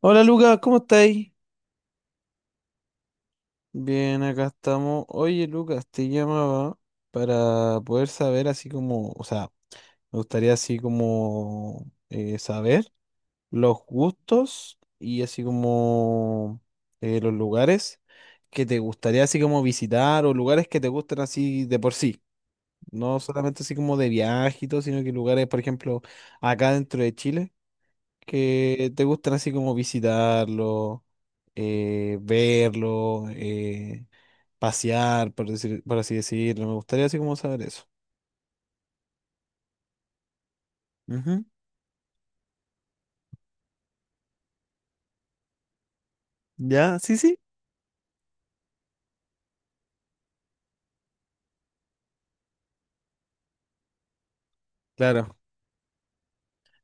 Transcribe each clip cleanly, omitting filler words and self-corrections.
Hola Lucas, ¿cómo estáis? Bien, acá estamos. Oye Lucas, te llamaba para poder saber así como, o sea, me gustaría así como saber los gustos y así como los lugares que te gustaría así como visitar o lugares que te gustan así de por sí. No solamente así como de viaje y todo, sino que lugares, por ejemplo, acá dentro de Chile, que te gustan así como visitarlo, verlo, pasear, por así decirlo. Me gustaría así como saber eso. Ujú. ¿Ya? Sí, sí. Claro.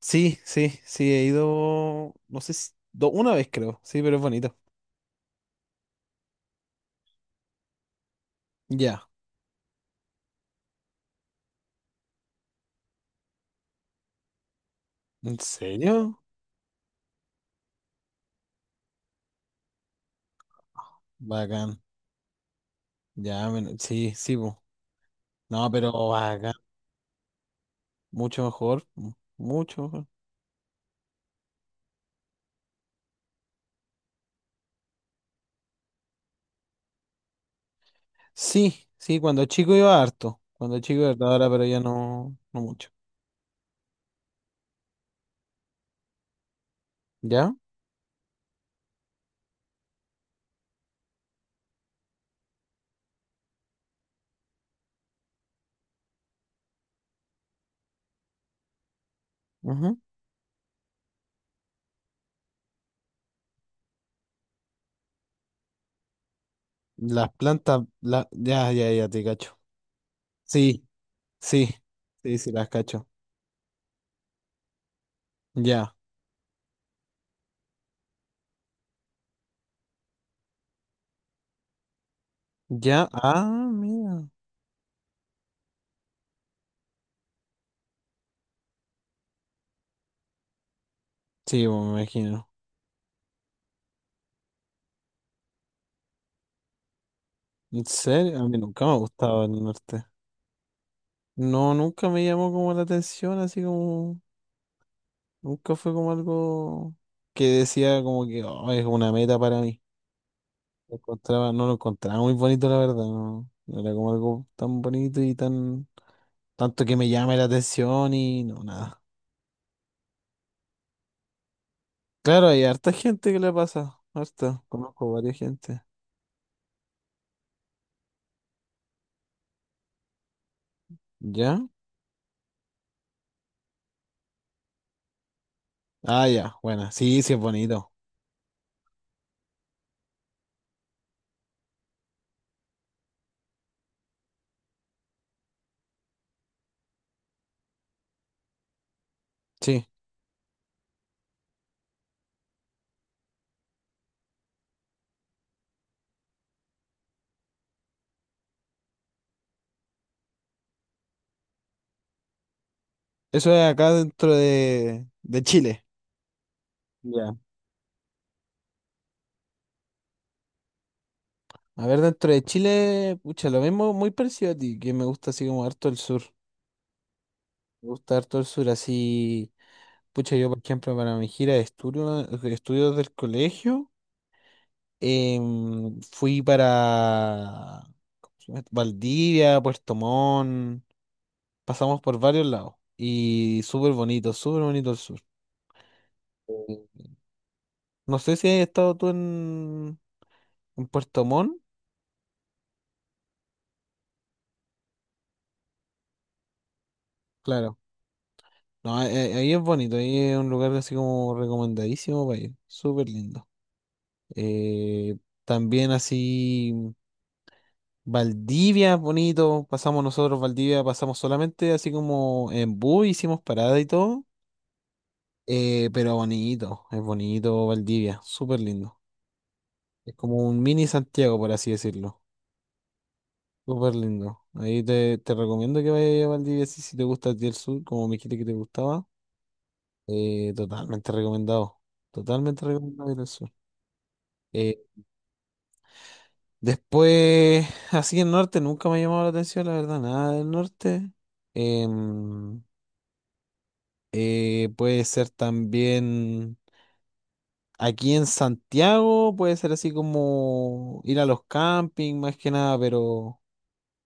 Sí, sí, sí, he ido, no sé, una vez creo, sí, pero es bonito. Ya. ¿En serio? Bacán. Ya, sí, sí, po. No, pero bacán. Mucho mejor, mucho mejor. Sí, sí, cuando chico iba harto, cuando chico iba harto, ahora pero ya no, no mucho. ¿Ya? Ujú. Las plantas, ya, ya, ya, te cacho. Sí, sí, sí, sí, las cacho. Ya, ya, ah, mira. Sí, pues, me imagino. ¿En serio? A mí nunca me ha gustado el norte. No, nunca me llamó como la atención, así como, nunca fue como algo que decía como que "Oh, es una meta para mí." Lo encontraba, no lo encontraba muy bonito, la verdad, no, no era como algo tan bonito y tanto que me llame la atención y no, nada. Claro, hay harta gente que le pasa. Harta. Conozco varias gente. ¿Ya? Ah, ya. Bueno, sí, sí es bonito. Sí. Eso es acá dentro de Chile. Ya. A ver, dentro de Chile, pucha, lo mismo, muy parecido a ti, que me gusta así como harto el sur. Me gusta harto el sur, así. Pucha, yo, por ejemplo, para mi gira de estudio, de estudios del colegio, fui para ¿cómo se llama esto? Valdivia, Puerto Montt. Pasamos por varios lados y súper bonito el sur. Sí. No sé si has estado tú en Puerto Montt. Claro. No, ahí es bonito, ahí es un lugar así como recomendadísimo para ir. Súper lindo. Eh, También así Valdivia es bonito. Pasamos nosotros Valdivia, pasamos solamente así como en bus, hicimos parada y todo. Pero bonito, es bonito Valdivia, súper lindo. Es como un mini Santiago, por así decirlo. Súper lindo. Ahí te recomiendo que vayas a Valdivia si te gusta a ti el sur, como me dijiste que te gustaba. Totalmente recomendado. Totalmente recomendado ir al sur. Eh, Después, así el norte nunca me ha llamado la atención, la verdad, nada del norte. Em, Puede ser también aquí en Santiago, puede ser así como ir a los campings más que nada, pero.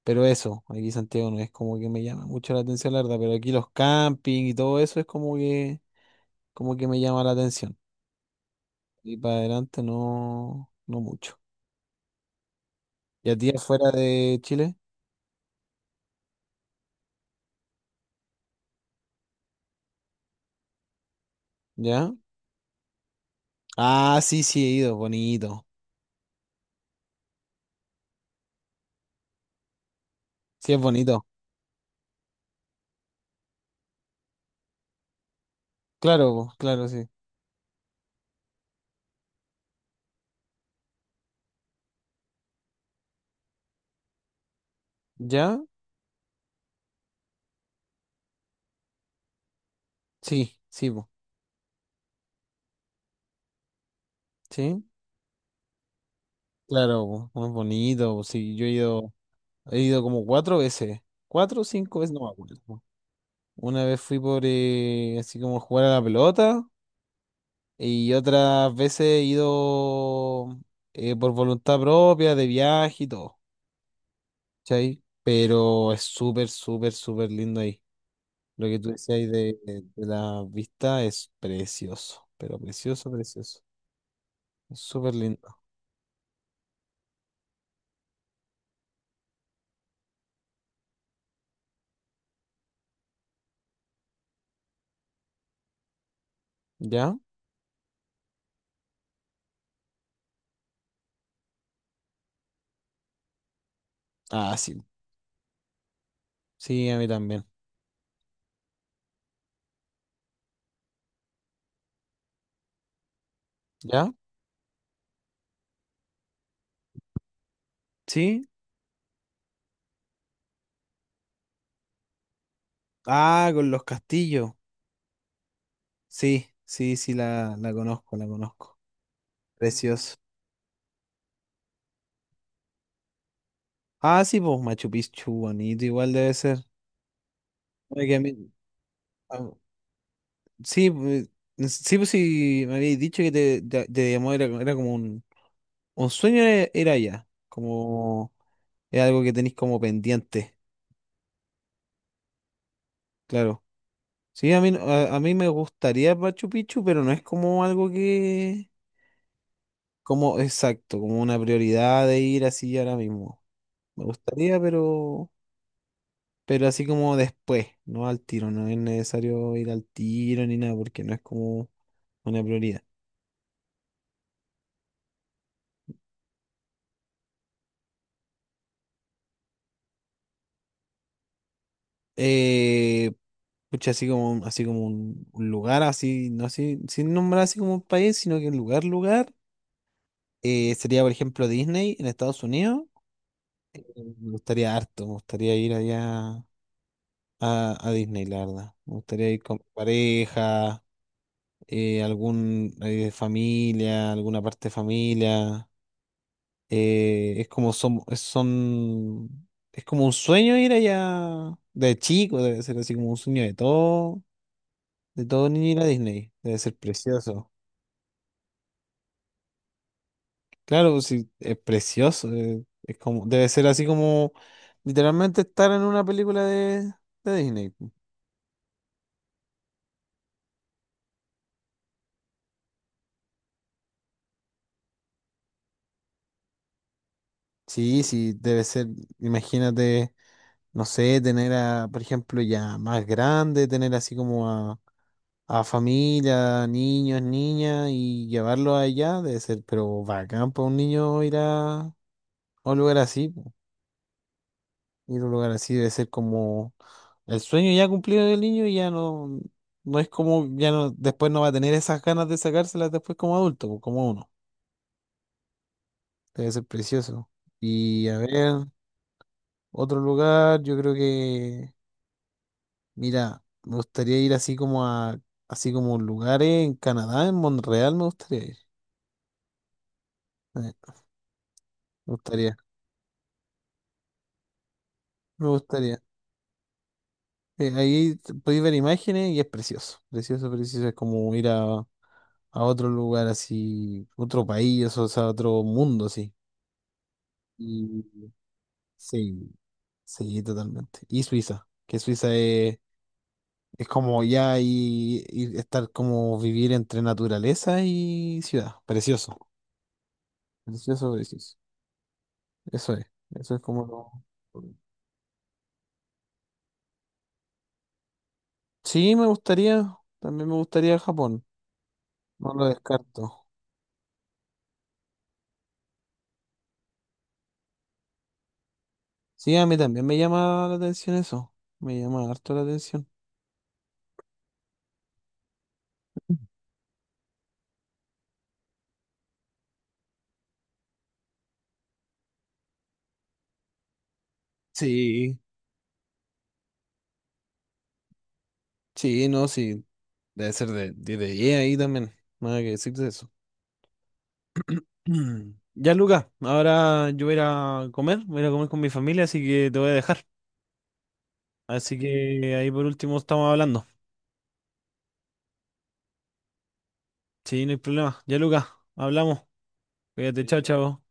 Pero eso, aquí Santiago no es como que me llama mucho la atención, la verdad, pero aquí los campings y todo eso es como que me llama la atención. Y para adelante no, no mucho. ¿Y a ti afuera de Chile? ¿Ya? Ah, sí, sí, he ido, bonito. Sí, es bonito. Claro, po, claro, sí. ¿Ya? Sí, sí, po, sí. Claro, po, no es bonito. Po, sí, yo he ido como cuatro veces. Cuatro o cinco veces, no me acuerdo. Una vez fui por así como jugar a la pelota. Y otras veces he ido por voluntad propia, de viaje y todo, ¿cachai? Pero es súper, súper, súper lindo ahí. Lo que tú decías ahí de la vista es precioso, pero precioso, precioso. Es súper lindo. ¿Ya? Ah, sí. Sí, a mí también. ¿Ya? ¿Sí? Ah, con los castillos. Sí, sí, sí, la conozco, la conozco. Precioso. Ah, sí, pues Machu Picchu, bonito, igual debe ser. Oye, que a mí- sí, pues, sí, pues sí, me habéis dicho que te llamó, era como un sueño, era ya, como es algo que tenéis como pendiente, claro. Sí, a mí, no- a mí me gustaría Machu Picchu, pero no es como algo que, como exacto, como una prioridad de ir así ahora mismo. Me gustaría, pero así como después, no al tiro, no es necesario ir al tiro ni nada, porque no es como una prioridad. Eh, Pucha, así como, así como un lugar, así, no así, sin nombrar así como un país, sino que un lugar, lugar. Sería, por ejemplo, Disney en Estados Unidos. Me gustaría harto, me gustaría ir allá a Disney, la verdad. Me gustaría ir con mi pareja, alguna parte de familia. Es como son, es- son, Es como un sueño ir allá de chico, debe ser así como un sueño de todo de todo niño ir a Disney. Debe ser precioso. Claro, pues sí, es precioso. Es como, debe ser así como literalmente estar en una película de Disney. Sí, sí, debe ser, imagínate, no sé, tener a, por ejemplo, ya más grande, tener así como a familia, niños, niñas, y llevarlo allá, debe ser, pero bacán para un niño ir a un lugar así. Ir a un lugar así debe ser como el sueño ya cumplido del niño y ya no, no es como, ya no, después no va a tener esas ganas de sacárselas después como adulto, pues, como uno. Debe ser precioso. Y a ver, otro lugar, yo creo que, mira, me gustaría ir así como así como lugares en Canadá, en Montreal me gustaría ir. Eh, Me gustaría, me gustaría. Ahí podéis ver imágenes y es precioso, precioso, precioso. Es como ir a otro lugar así, otro país, o sea, otro mundo así. Y sí, sí, totalmente. Y Suiza, que Suiza es como ya y estar como vivir entre naturaleza y ciudad. Precioso, precioso, precioso. Eso es, Eso es como lo... Sí, me gustaría, también me gustaría Japón, no lo descarto. Sí, a mí también me llama la atención eso, me llama harto la atención. Sí, sí, no, sí. Debe ser de EA ahí también. Nada que decir de eso. Mm. Ya, Luca, ahora yo voy a ir a comer, voy a ir a comer con mi familia, así que te voy a dejar. Así que ahí por último estamos hablando. Sí, no hay problema. Ya, Luca, hablamos. Cuídate, chao, chao.